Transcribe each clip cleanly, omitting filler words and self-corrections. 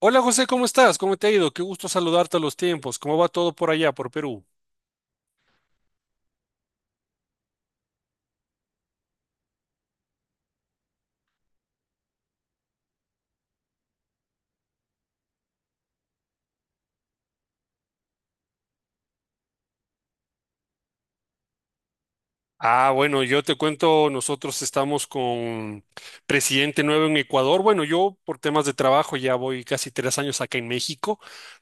Hola José, ¿cómo estás? ¿Cómo te ha ido? Qué gusto saludarte a los tiempos. ¿Cómo va todo por allá, por Perú? Ah, bueno, yo te cuento, nosotros estamos con presidente nuevo en Ecuador. Bueno, yo por temas de trabajo ya voy casi 3 años acá en México,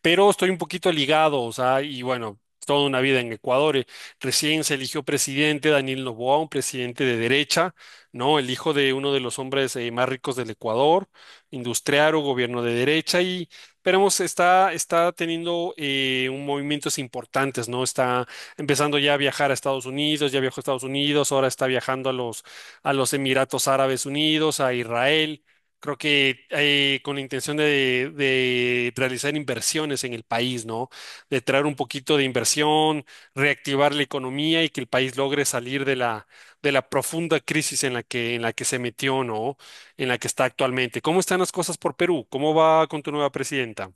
pero estoy un poquito ligado, o sea, y bueno, toda una vida en Ecuador. Recién se eligió presidente Daniel Noboa, un presidente de derecha, ¿no? El hijo de uno de los hombres más ricos del Ecuador, industriario, gobierno de derecha y esperemos, está teniendo un movimientos importantes, ¿no? Está empezando ya a viajar a Estados Unidos, ya viajó a Estados Unidos, ahora está viajando a los Emiratos Árabes Unidos, a Israel. Creo que con la intención de realizar inversiones en el país, ¿no? De traer un poquito de inversión, reactivar la economía y que el país logre salir de de la profunda crisis en la que se metió, ¿no? En la que está actualmente. ¿Cómo están las cosas por Perú? ¿Cómo va con tu nueva presidenta?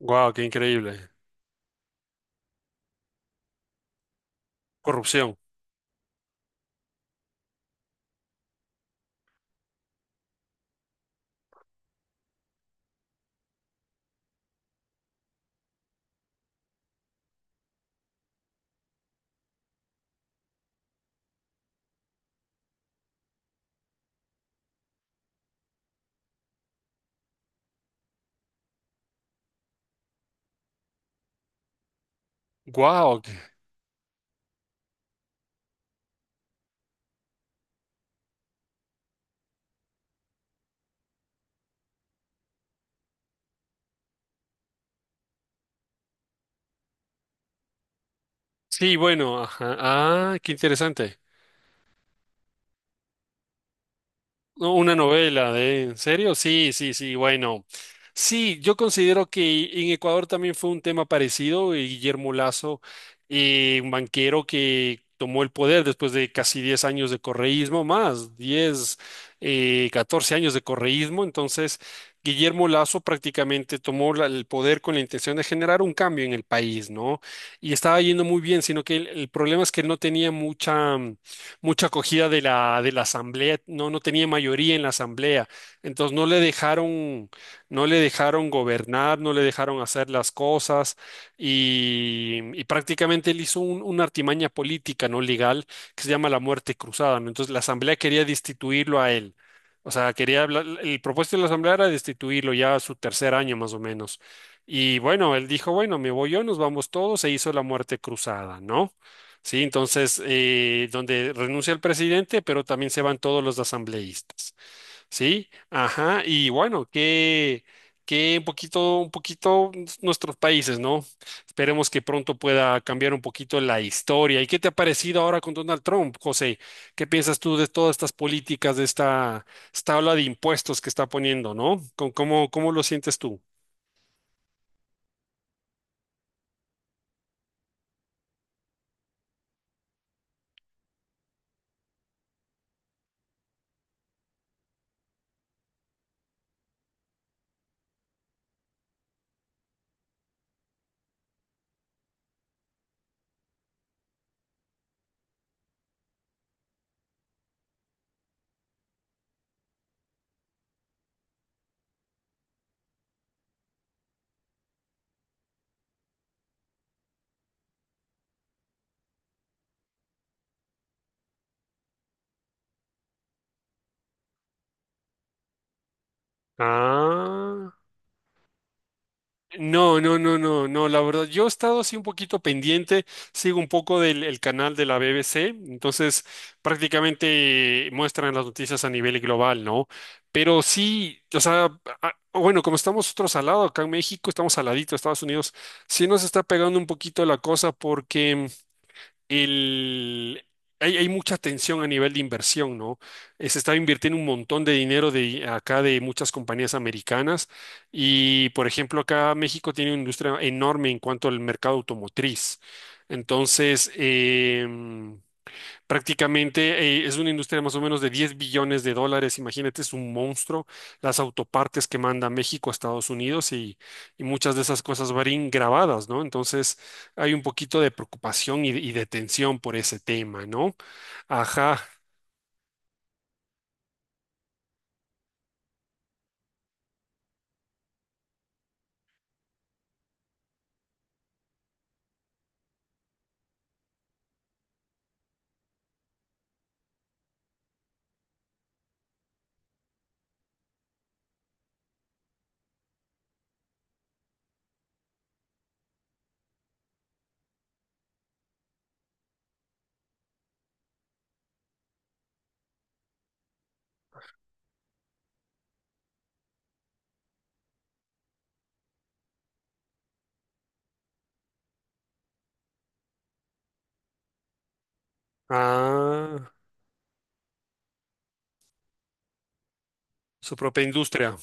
¡Guau, qué increíble! Corrupción. ¡Guau! Sí, bueno, ajá. Ah, qué interesante. No, una novela de, ¿en serio? Sí, sí, sí, bueno. Sí, yo considero que en Ecuador también fue un tema parecido, y Guillermo Lazo, un banquero que tomó el poder después de casi 10 años de correísmo, 14 años de correísmo. Entonces, Guillermo Lazo prácticamente tomó el poder con la intención de generar un cambio en el país, ¿no? Y estaba yendo muy bien, sino que el problema es que no tenía mucha mucha acogida de de la asamblea, no, no tenía mayoría en la asamblea, entonces no le dejaron, no le dejaron gobernar, no le dejaron hacer las cosas y prácticamente él hizo una artimaña política, no legal, que se llama la muerte cruzada, ¿no? Entonces la asamblea quería destituirlo a él. O sea, quería hablar, el propósito de la asamblea era destituirlo ya a su tercer año más o menos. Y bueno, él dijo, bueno, me voy yo, nos vamos todos, se hizo la muerte cruzada, ¿no? Sí, entonces, donde renuncia el presidente, pero también se van todos los asambleístas. Sí, ajá, y bueno, que un poquito nuestros países, ¿no? Esperemos que pronto pueda cambiar un poquito la historia. ¿Y qué te ha parecido ahora con Donald Trump, José? ¿Qué piensas tú de todas estas políticas, de esta ola de impuestos que está poniendo, ¿no? ¿Cómo, cómo lo sientes tú? Ah. No, no, no, no, no, la verdad, yo he estado así un poquito pendiente, sigo un poco del el canal de la BBC, entonces prácticamente muestran las noticias a nivel global, ¿no? Pero sí, o sea, bueno, como estamos nosotros al lado, acá en México, estamos al ladito de Estados Unidos, sí nos está pegando un poquito la cosa porque el- hay mucha tensión a nivel de inversión, ¿no? Se está invirtiendo un montón de dinero de acá de muchas compañías americanas y, por ejemplo, acá México tiene una industria enorme en cuanto al mercado automotriz. Entonces, prácticamente es una industria más o menos de $10 billones. Imagínate, es un monstruo. Las autopartes que manda México a Estados Unidos y muchas de esas cosas varían grabadas, ¿no? Entonces hay un poquito de preocupación y de tensión por ese tema, ¿no? Ajá. Ah, su propia industria.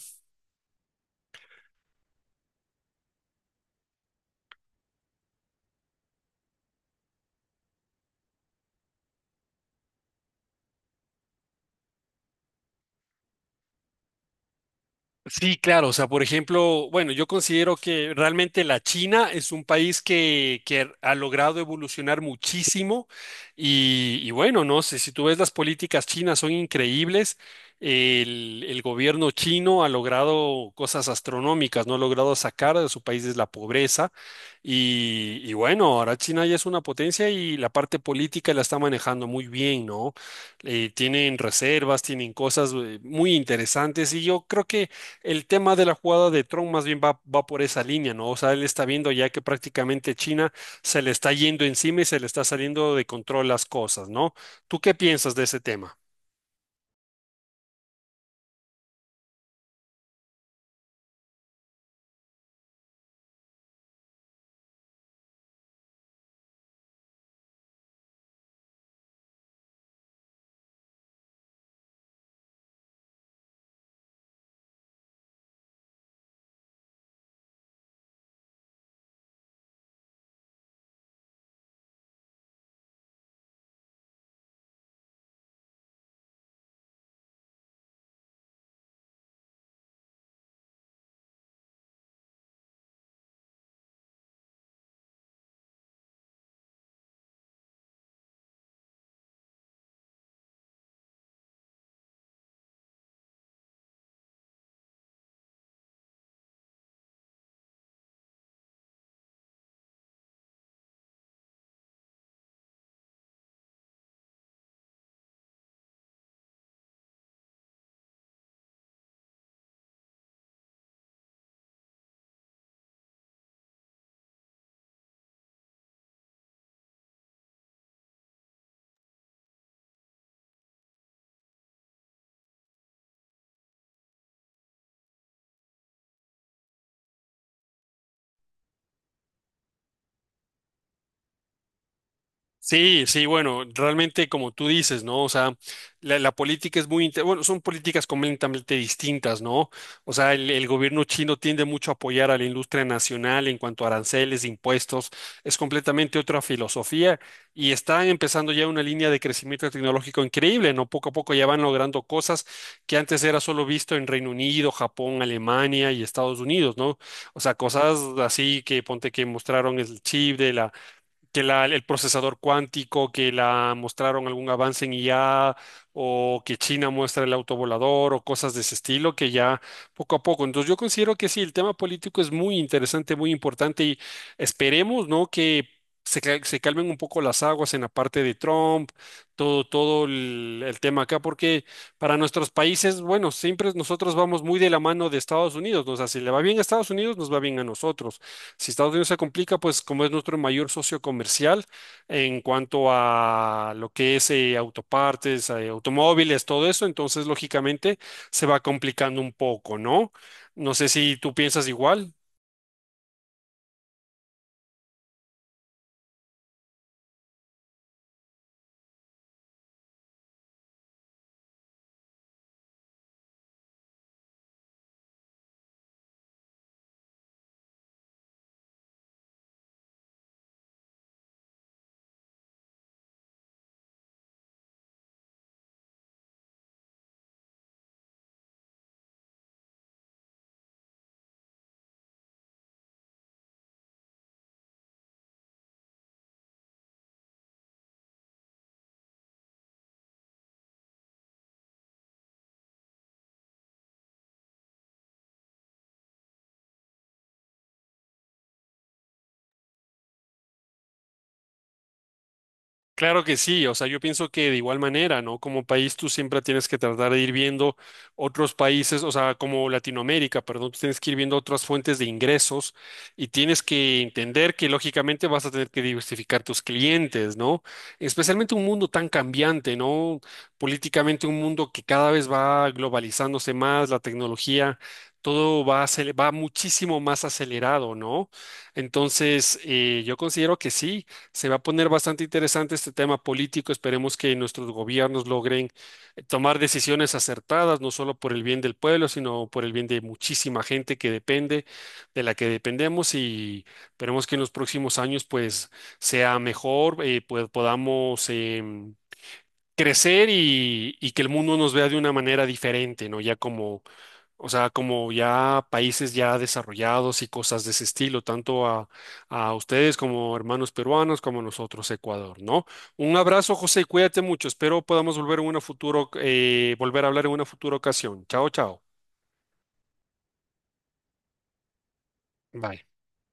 Sí, claro, o sea, por ejemplo, bueno, yo considero que realmente la China es un país que ha logrado evolucionar muchísimo y bueno, no sé, si tú ves las políticas chinas son increíbles, el gobierno chino ha logrado cosas astronómicas, no ha logrado sacar de su país de la pobreza y bueno, ahora China ya es una potencia y la parte política la está manejando muy bien, ¿no? Tienen reservas, tienen cosas muy interesantes y yo creo que el tema de la jugada de tron más bien va, va por esa línea, ¿no? O sea, él está viendo ya que prácticamente China se le está yendo encima y se le está saliendo de control las cosas, ¿no? ¿Tú qué piensas de ese tema? Sí, sí, bueno, realmente como tú dices, ¿no? O sea, la política es muy, bueno, son políticas completamente distintas, ¿no? O sea, el gobierno chino tiende mucho a apoyar a la industria nacional en cuanto a aranceles, impuestos, es completamente otra filosofía y está empezando ya una línea de crecimiento tecnológico increíble, ¿no? Poco a poco ya van logrando cosas que antes era solo visto en Reino Unido, Japón, Alemania y Estados Unidos, ¿no? O sea, cosas así que ponte que mostraron el chip de el procesador cuántico, que la mostraron algún avance en IA, o que China muestra el autovolador, o cosas de ese estilo, que ya poco a poco. Entonces yo considero que sí, el tema político es muy interesante, muy importante, y esperemos, ¿no? que se calmen un poco las aguas en la parte de Trump, todo, el tema acá, porque para nuestros países, bueno, siempre nosotros vamos muy de la mano de Estados Unidos, ¿no? O sea, si le va bien a Estados Unidos, nos va bien a nosotros. Si Estados Unidos se complica, pues como es nuestro mayor socio comercial en cuanto a lo que es autopartes, automóviles, todo eso, entonces lógicamente se va complicando un poco, ¿no? No sé si tú piensas igual. Claro que sí, o sea, yo pienso que de igual manera, ¿no? Como país tú siempre tienes que tratar de ir viendo otros países, o sea, como Latinoamérica, perdón, tú tienes que ir viendo otras fuentes de ingresos y tienes que entender que lógicamente vas a tener que diversificar tus clientes, ¿no? Especialmente un mundo tan cambiante, ¿no? Políticamente un mundo que cada vez va globalizándose más, la tecnología, todo va, va muchísimo más acelerado, ¿no? Entonces, yo considero que sí. Se va a poner bastante interesante este tema político. Esperemos que nuestros gobiernos logren tomar decisiones acertadas, no solo por el bien del pueblo, sino por el bien de muchísima gente que depende, de la que dependemos. Y esperemos que en los próximos años, pues, sea mejor, pues podamos crecer y que el mundo nos vea de una manera diferente, ¿no? Ya como o sea, como ya países ya desarrollados y cosas de ese estilo, tanto a ustedes como hermanos peruanos, como a nosotros, Ecuador, ¿no? Un abrazo, José, y cuídate mucho. Espero podamos volver en una futuro, volver a hablar en una futura ocasión. Chao, chao. Bye.